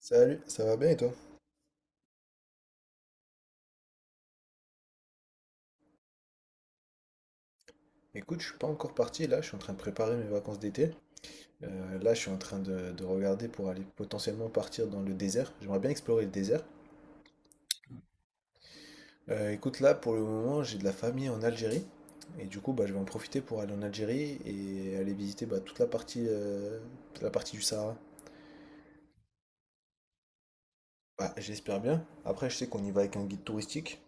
Salut, ça va bien et toi? Écoute, je suis pas encore parti là, je suis en train de préparer mes vacances d'été. Là, je suis en train de regarder pour aller potentiellement partir dans le désert. J'aimerais bien explorer le désert. Écoute, là, pour le moment, j'ai de la famille en Algérie. Et du coup, bah, je vais en profiter pour aller en Algérie et aller visiter bah, toute la partie du Sahara. Bah, j'espère bien. Après, je sais qu'on y va avec un guide touristique.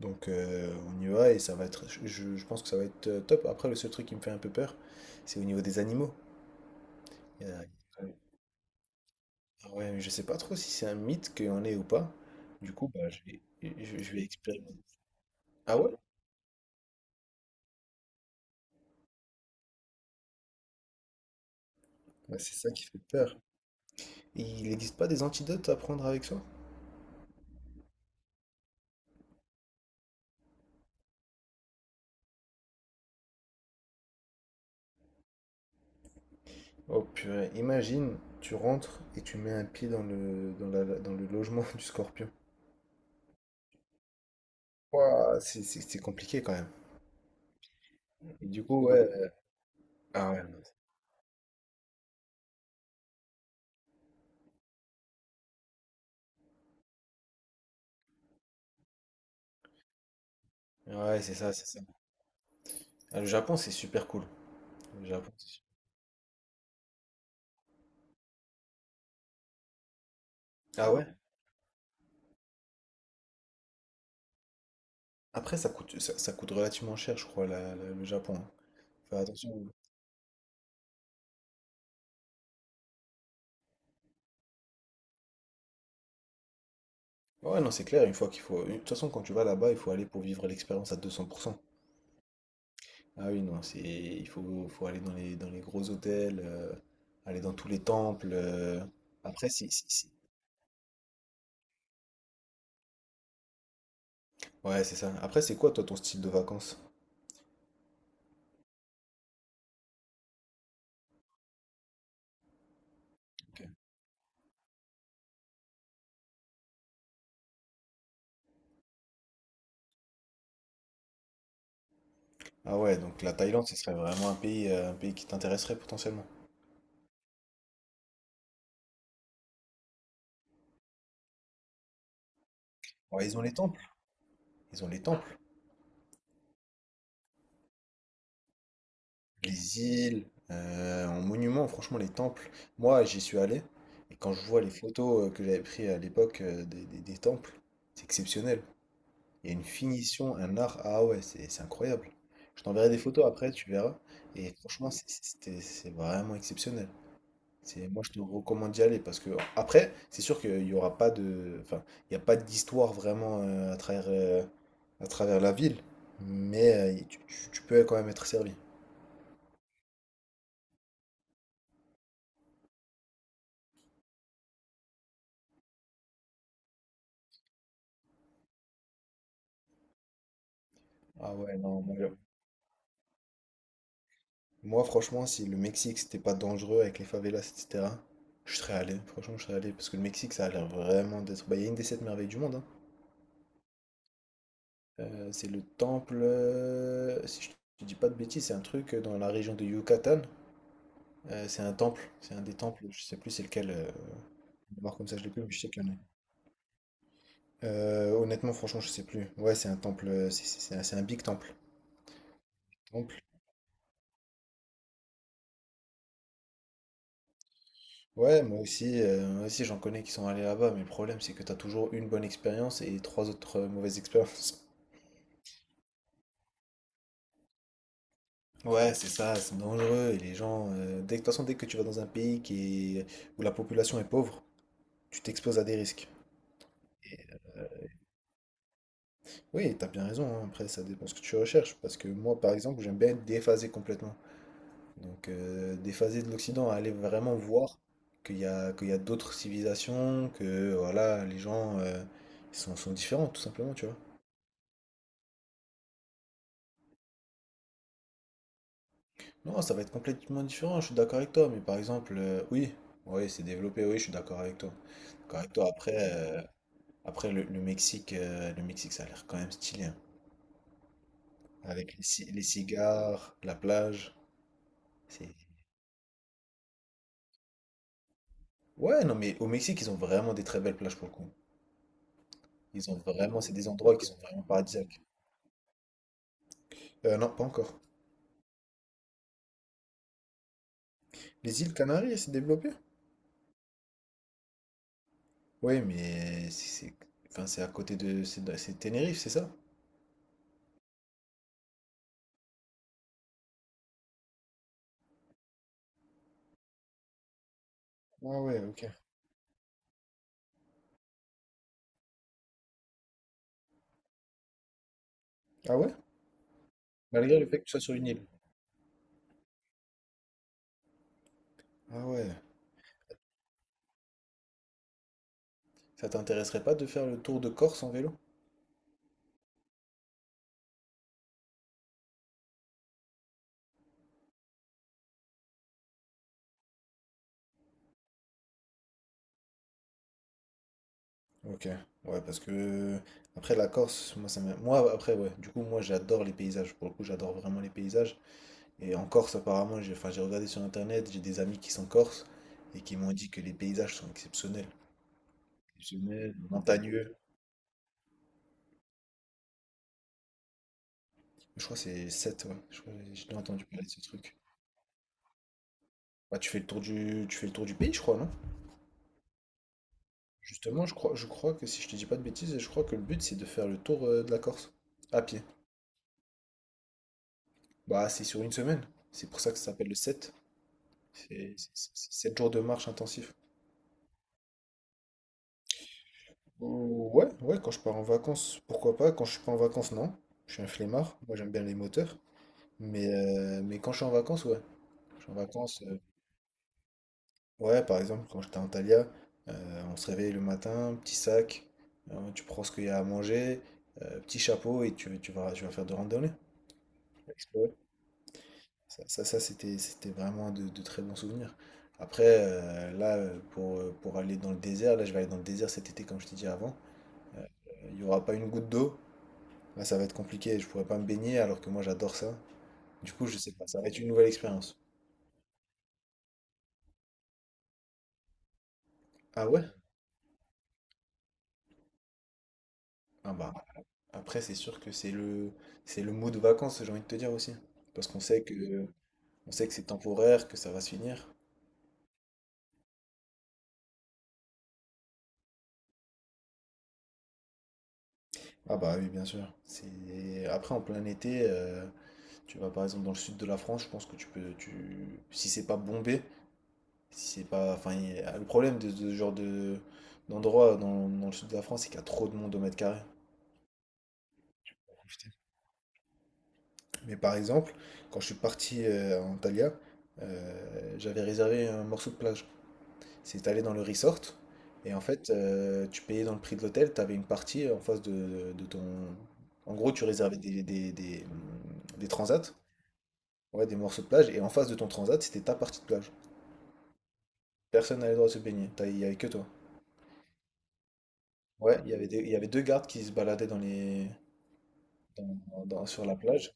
Donc, on y va et ça va être. Je pense que ça va être top. Après, le seul truc qui me fait un peu peur, c'est au niveau des animaux. Ah ouais, mais je sais pas trop si c'est un mythe qu'il y en ait ou pas. Du coup, bah, je vais, je vais expérimenter. Ah ouais? Bah, c'est ça qui fait peur. Et il n'existe pas des antidotes à prendre avec soi? Oh purée, imagine, tu rentres et tu mets un pied dans le, dans la, dans le logement du scorpion. Ouah, c'est compliqué quand même. Et du coup, ouais. Ah ouais, non. Ouais, c'est ça, c'est ça. Ah, le Japon, c'est super cool. Le Japon, c'est super- Ah ouais? Après, ça coûte, ça coûte relativement cher, je crois, le Japon, hein. Fais attention. Ouais, non, c'est clair, une fois qu'il faut. De toute façon, quand tu vas là-bas, il faut aller pour vivre l'expérience à 200%. Ah oui, non, c'est. Il faut, faut aller dans les gros hôtels, aller dans tous les temples, Après, si, si, si. Ouais, c'est ça. Après, c'est quoi, toi, ton style de vacances? Ok. Ah ouais, donc la Thaïlande, ce serait vraiment un pays qui t'intéresserait potentiellement. Ouais, ils ont les temples. Ils ont les temples. Les îles, en monument, franchement, les temples. Moi, j'y suis allé, et quand je vois les photos que j'avais prises à l'époque des, des temples, c'est exceptionnel. Il y a une finition, un art. Ah ouais, c'est incroyable. Je t'enverrai des photos après, tu verras. Et franchement, c'est vraiment exceptionnel. C'est, moi, je te recommande d'y aller parce que après, c'est sûr qu'il y aura pas de, enfin, il n'y a pas d'histoire vraiment à travers la ville, mais tu, tu peux quand même être servi. Ah ouais, non, moi, franchement, si le Mexique c'était pas dangereux avec les favelas, etc., je serais allé. Franchement, je serais allé parce que le Mexique, ça a l'air vraiment d'être, bah, il y a une des sept merveilles du monde, hein. C'est le temple, si je te dis pas de bêtises, c'est un truc dans la région de Yucatan. C'est un temple, c'est un des temples, je sais plus c'est lequel, de mémoire comme ça, je l'ai plus, mais je sais qu'il y en a. Honnêtement, franchement, je sais plus. Ouais, c'est un temple, c'est un big temple. Temple. Ouais, moi aussi j'en connais qui sont allés là-bas, mais le problème c'est que t'as toujours une bonne expérience et trois autres mauvaises expériences. Ouais, c'est ça, c'est dangereux. Et les gens, de toute façon, dès que tu vas dans un pays qui est- où la population est pauvre, tu t'exposes à des risques. Oui, t'as bien raison, hein. Après, ça dépend ce que tu recherches, parce que moi, par exemple, j'aime bien être déphasé complètement. Donc, déphasé de l'Occident, aller vraiment voir qu'il y a d'autres civilisations, que voilà, les gens ils sont, sont différents, tout simplement, tu vois. Non, ça va être complètement différent, je suis d'accord avec toi, mais par exemple, oui, oui, c'est développé, oui, je suis d'accord avec toi. D'accord avec toi, après, après le Mexique, ça a l'air quand même stylé, hein. Avec les, les cigares, la plage, c'est Ouais, non, mais au Mexique, ils ont vraiment des très belles plages pour le coup. Ils ont vraiment, c'est des endroits qui sont vraiment paradisiaques. Non, pas encore. Les îles Canaries, elles s'est développée? Oui, mais c'est, enfin, c'est à côté de, c'est Tenerife, c'est ça? Ah ouais, ok. Ah ouais? Malgré le fait que tu sois sur une île. Ah ouais. Ça t'intéresserait pas de faire le tour de Corse en vélo? Ok. Ouais, parce que après la Corse, moi après ouais. Du coup, moi j'adore les paysages. Pour le coup, j'adore vraiment les paysages. Et en Corse, apparemment, j'ai regardé sur internet, j'ai des amis qui sont corses et qui m'ont dit que les paysages sont exceptionnels. Exceptionnels, montagneux. Je crois que c'est sept, ouais. Je crois que j'ai déjà entendu parler de ce truc. Bah, tu fais le tour du, tu fais le tour du pays, je crois, non? Justement, je crois que si je te dis pas de bêtises, je crois que le but c'est de faire le tour de la Corse à pied. Bah, c'est sur une semaine. C'est pour ça que ça s'appelle le 7. C'est 7 jours de marche intensif. Ouh, ouais, ouais, quand je pars en vacances, pourquoi pas? Quand je suis pas en vacances, non. Je suis un flemmard. Moi, j'aime bien les moteurs. Mais quand je suis en vacances, ouais. Je suis en vacances, ouais, par exemple, quand j'étais en Thalia, on se réveille le matin, petit sac, tu prends ce qu'il y a à manger, petit chapeau et tu, tu vas faire de randonnée. Ouais. Ça c'était, c'était vraiment de très bons souvenirs. Après, là, pour aller dans le désert, là, je vais aller dans le désert cet été, comme je t'ai dit avant. Euh, Il n'y aura pas une goutte d'eau. Là, ça va être compliqué. Je pourrais pas me baigner alors que moi, j'adore ça. Du coup, je sais pas. Ça va être une nouvelle expérience. Ah ouais? Ah bah. Après, c'est sûr que c'est le mot de vacances, j'ai envie de te dire aussi. Parce qu'on sait que, on sait que c'est temporaire, que ça va se finir. Ah bah oui, bien sûr. C'est… Après, en plein été, tu vas par exemple dans le sud de la France, je pense que tu peux, tu… si c'est pas bombé, si c'est pas… Enfin, il y a- le problème de ce genre de… d'endroit dans, dans le sud de la France, c'est qu'il y a trop de monde au mètre carré. Profiter. Mais par exemple, quand je suis parti à Antalya, j'avais réservé un morceau de plage. C'est allé dans le resort. Et en fait, tu payais dans le prix de l'hôtel, tu avais une partie en face de ton… En gros, tu réservais des des transats, ouais, des morceaux de plage, et en face de ton transat, c'était ta partie de plage. Personne n'avait le droit de se baigner, il n'y avait que toi. Ouais, il y avait il y avait deux gardes qui se baladaient dans les… sur la plage.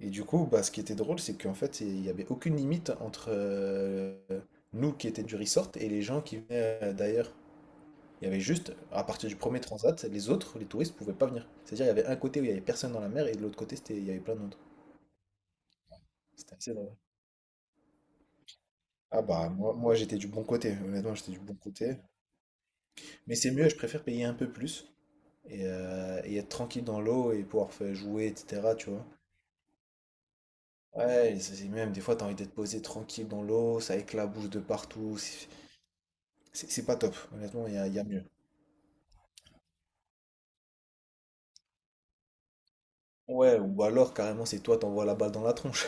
Et du coup, bah, ce qui était drôle, c'est qu'en fait, il n'y avait aucune limite entre nous qui étaient du resort et les gens qui venaient d'ailleurs. Il y avait juste, à partir du premier transat, les autres, les touristes, pouvaient pas venir. C'est-à-dire, il y avait un côté où il y avait personne dans la mer et de l'autre côté, c'était, il y avait plein de monde. C'était assez drôle. Ah bah, moi j'étais du bon côté, honnêtement, j'étais du bon côté. Mais c'est mieux, je préfère payer un peu plus et être tranquille dans l'eau et pouvoir faire jouer, etc., tu vois. Ouais, et c'est même, des fois, t'as envie d'être posé tranquille dans l'eau, ça éclabousse de partout. C'est pas top, honnêtement, il y a mieux. Ouais, ou alors, carrément, c'est toi, t'envoies la balle dans la tronche.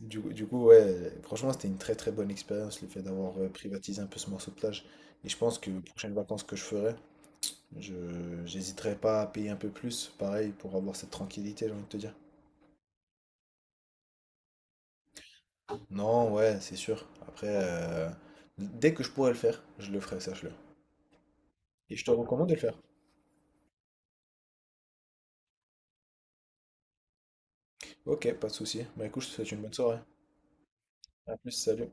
Du coup, ouais, franchement, c'était une très très bonne expérience le fait d'avoir privatisé un peu ce morceau de plage. Et je pense que les prochaines vacances que je ferai, je j'hésiterai pas à payer un peu plus, pareil, pour avoir cette tranquillité, j'ai envie de te dire. Non, ouais, c'est sûr. Après, dès que je pourrai le faire, je le ferai, sache-le. Et je te recommande de le faire. Ok, pas de souci. Bah écoute, je te souhaite une bonne soirée. À plus, salut.